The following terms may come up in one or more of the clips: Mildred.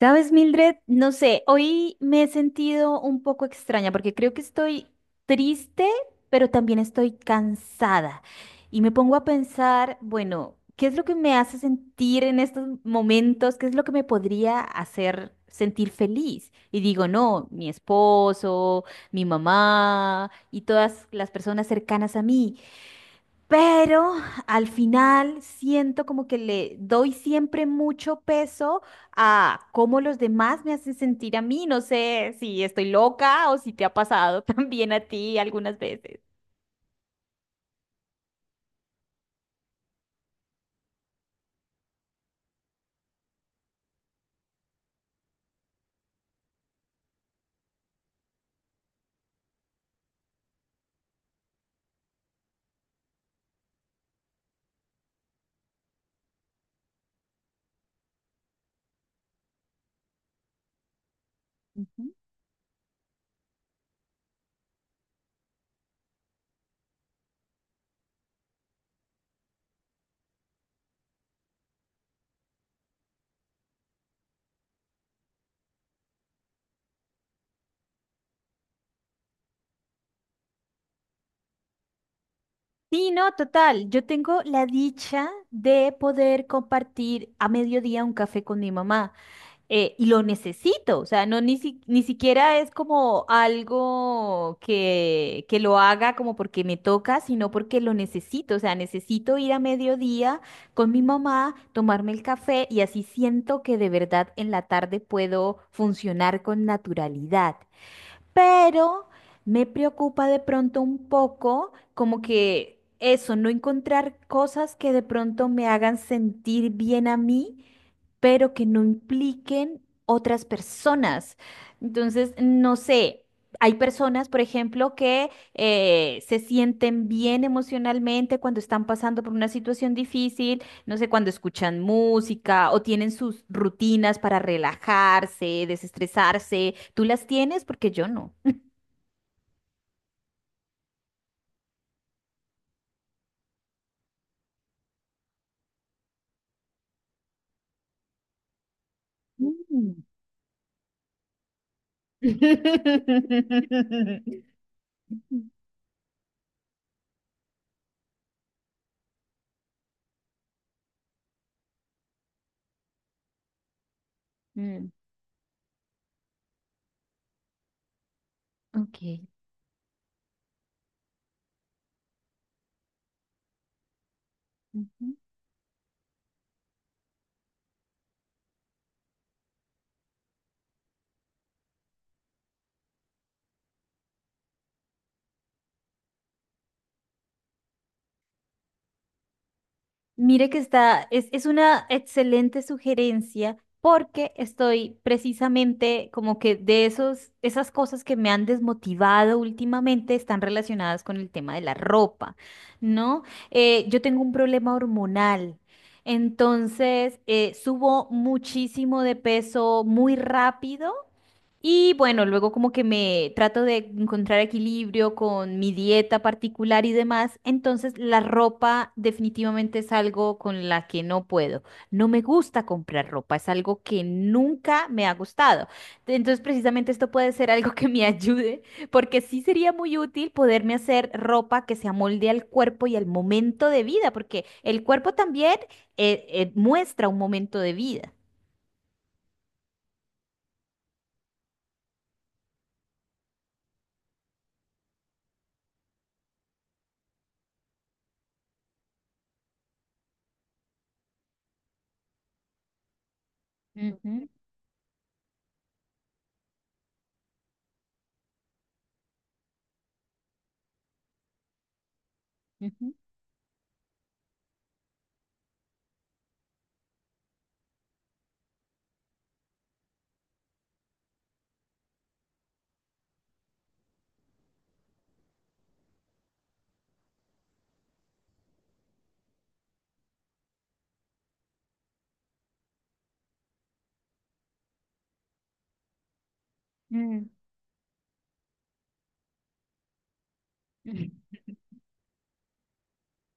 ¿Sabes, Mildred? No sé, hoy me he sentido un poco extraña porque creo que estoy triste, pero también estoy cansada. Y me pongo a pensar, bueno, ¿qué es lo que me hace sentir en estos momentos? ¿Qué es lo que me podría hacer sentir feliz? Y digo, no, mi esposo, mi mamá y todas las personas cercanas a mí. Pero al final siento como que le doy siempre mucho peso a cómo los demás me hacen sentir a mí. No sé si estoy loca o si te ha pasado también a ti algunas veces. Ujú. Sí, no, total. Yo tengo la dicha de poder compartir a mediodía un café con mi mamá. Y lo necesito, o sea, ni siquiera es como algo que lo haga como porque me toca, sino porque lo necesito, o sea, necesito ir a mediodía con mi mamá, tomarme el café y así siento que de verdad en la tarde puedo funcionar con naturalidad. Pero me preocupa de pronto un poco como que eso, no encontrar cosas que de pronto me hagan sentir bien a mí pero que no impliquen otras personas. Entonces, no sé. Hay personas, por ejemplo, que se sienten bien emocionalmente cuando están pasando por una situación difícil, no sé, cuando escuchan música o tienen sus rutinas para relajarse, desestresarse. ¿Tú las tienes? Porque yo no. Mm. Mm, ok. Mire que está, es una excelente sugerencia porque estoy precisamente como que de esas cosas que me han desmotivado últimamente están relacionadas con el tema de la ropa, ¿no? Yo tengo un problema hormonal, entonces subo muchísimo de peso muy rápido y bueno, luego como que me trato de encontrar equilibrio con mi dieta particular y demás, entonces la ropa definitivamente es algo con la que no puedo. No me gusta comprar ropa, es algo que nunca me ha gustado. Entonces precisamente esto puede ser algo que me ayude, porque sí sería muy útil poderme hacer ropa que se amolde al cuerpo y al momento de vida, porque el cuerpo también muestra un momento de vida. Ujú, ujú, mm.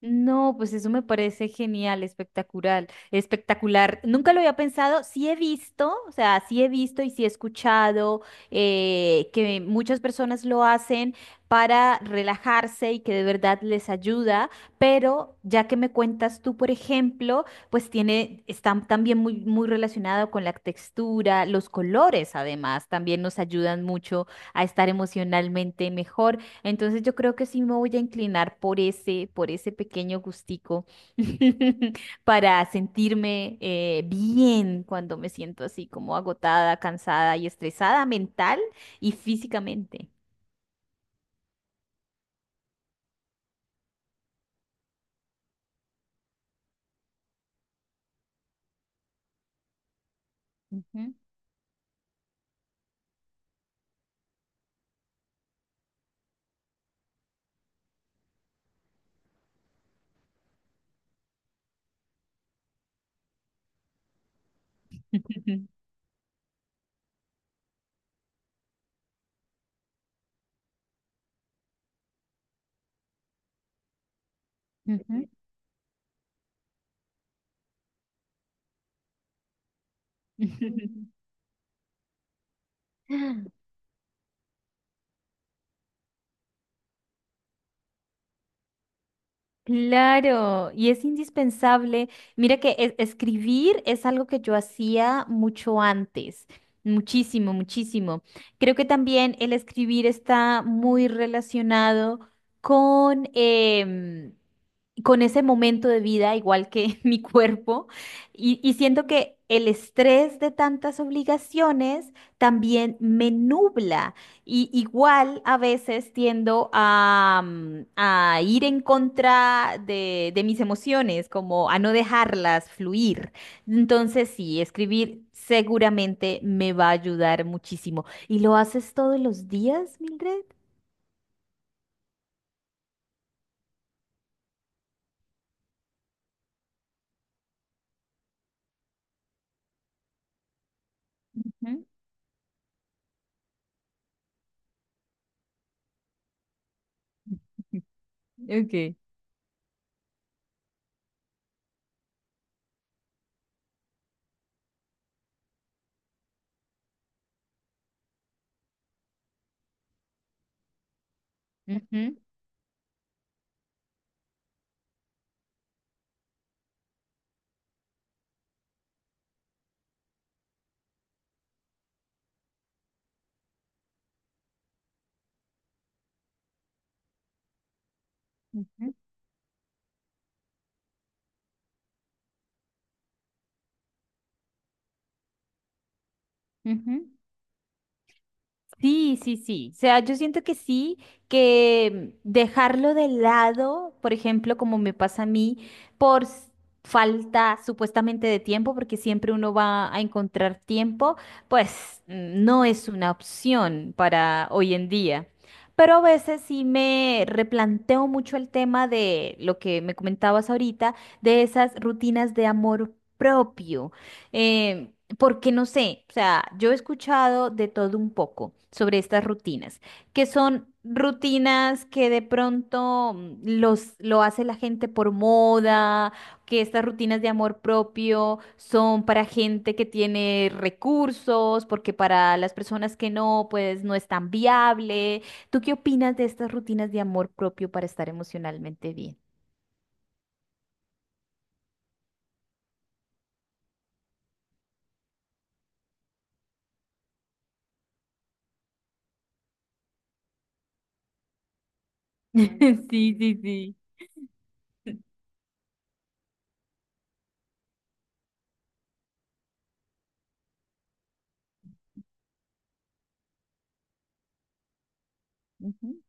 No, pues eso me parece genial, espectacular, espectacular. Nunca lo había pensado, sí he visto, o sea, sí he visto y sí he escuchado que muchas personas lo hacen para relajarse y que de verdad les ayuda, pero ya que me cuentas tú, por ejemplo, pues tiene, está también muy, muy relacionado con la textura, los colores además, también nos ayudan mucho a estar emocionalmente mejor. Entonces yo creo que sí me voy a inclinar por ese pequeño gustico para sentirme bien cuando me siento así como agotada, cansada y estresada mental y físicamente. Ujú. Ujú. Claro, y es indispensable. Mira escribir es algo que yo hacía mucho antes, muchísimo, muchísimo. Creo que también el escribir está muy relacionado con, em, con ese momento de vida, igual que mi cuerpo, y siento que el estrés de tantas obligaciones también me nubla. Y igual a veces tiendo a ir en contra de mis emociones, como a no dejarlas fluir. Entonces sí, escribir seguramente me va a ayudar muchísimo. ¿Y lo haces todos los días, Mildred? Ujú. Ok. Ujú, ujú, ujú. Sí, sí, sí. O sea, yo siento que sí, que dejarlo de lado, por ejemplo, como me pasa a mí, por s- falta supuestamente de tiempo, porque siempre uno va a encontrar tiempo, pues no es una opción para hoy en día. Pero a veces sí me replanteo mucho el tema de lo que me comentabas ahorita, de esas rutinas de amor propio. Em, Porque no sé, o sea, yo he escuchado de todo un poco sobre estas rutinas, que son rutinas que de pronto lo hace la gente por moda, que estas rutinas de amor propio son para gente que tiene recursos, porque para las personas que no, pues no es tan viable. ¿Tú qué opinas de estas rutinas de amor propio para estar emocionalmente bien? Sí, sí, sí. Ujú,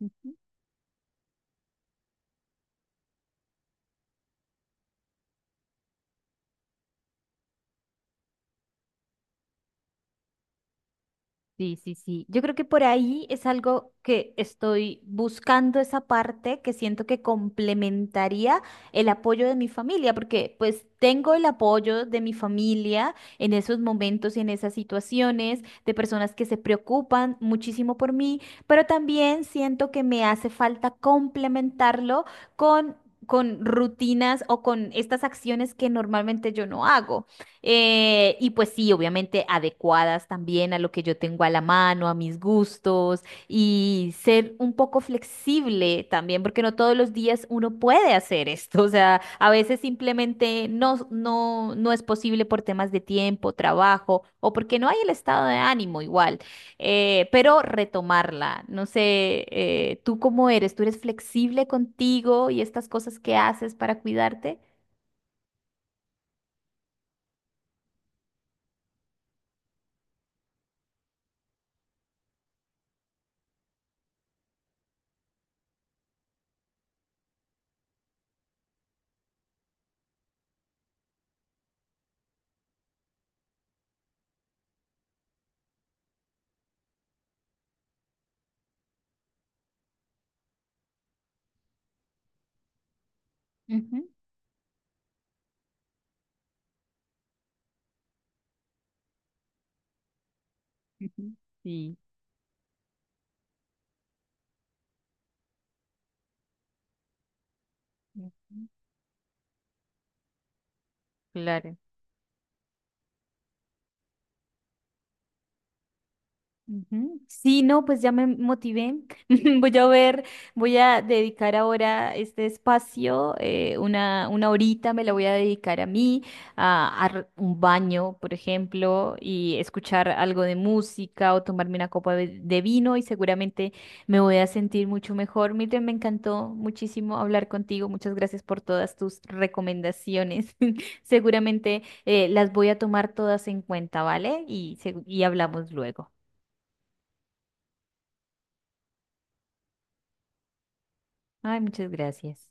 ujú. Sí, sí, sí. Yo creo que por ahí es algo que estoy buscando esa parte que siento que complementaría el apoyo de mi familia, porque pues tengo el apoyo de mi familia en esos momentos y en esas situaciones, de personas que se preocupan muchísimo por mí, pero también siento que me hace falta complementarlo con... con rutinas o con estas acciones que normalmente yo no hago. Y pues sí, obviamente adecuadas también a lo que yo tengo a la mano, a mis gustos y ser un poco flexible también, porque no todos los días uno puede hacer esto. O sea, a veces simplemente no es posible por temas de tiempo, trabajo o porque no hay el estado de ánimo igual. Pero retomarla, no sé, ¿tú cómo eres? ¿Tú eres flexible contigo y estas cosas que haces para cuidarte? Ujú, ujú, Sí. Claro. Ujú. Sí, no, pues ya me motivé. Voy a ver, voy a dedicar ahora este espacio, una horita me la voy a dedicar a mí, un baño, por ejemplo, y escuchar algo de música o tomarme una copa de vino y seguramente me voy a sentir mucho mejor. Miren, me encantó muchísimo hablar contigo. Muchas gracias por todas tus recomendaciones. Seguramente las voy a tomar todas en cuenta, ¿vale? Y hablamos luego. Ay, muchas gracias.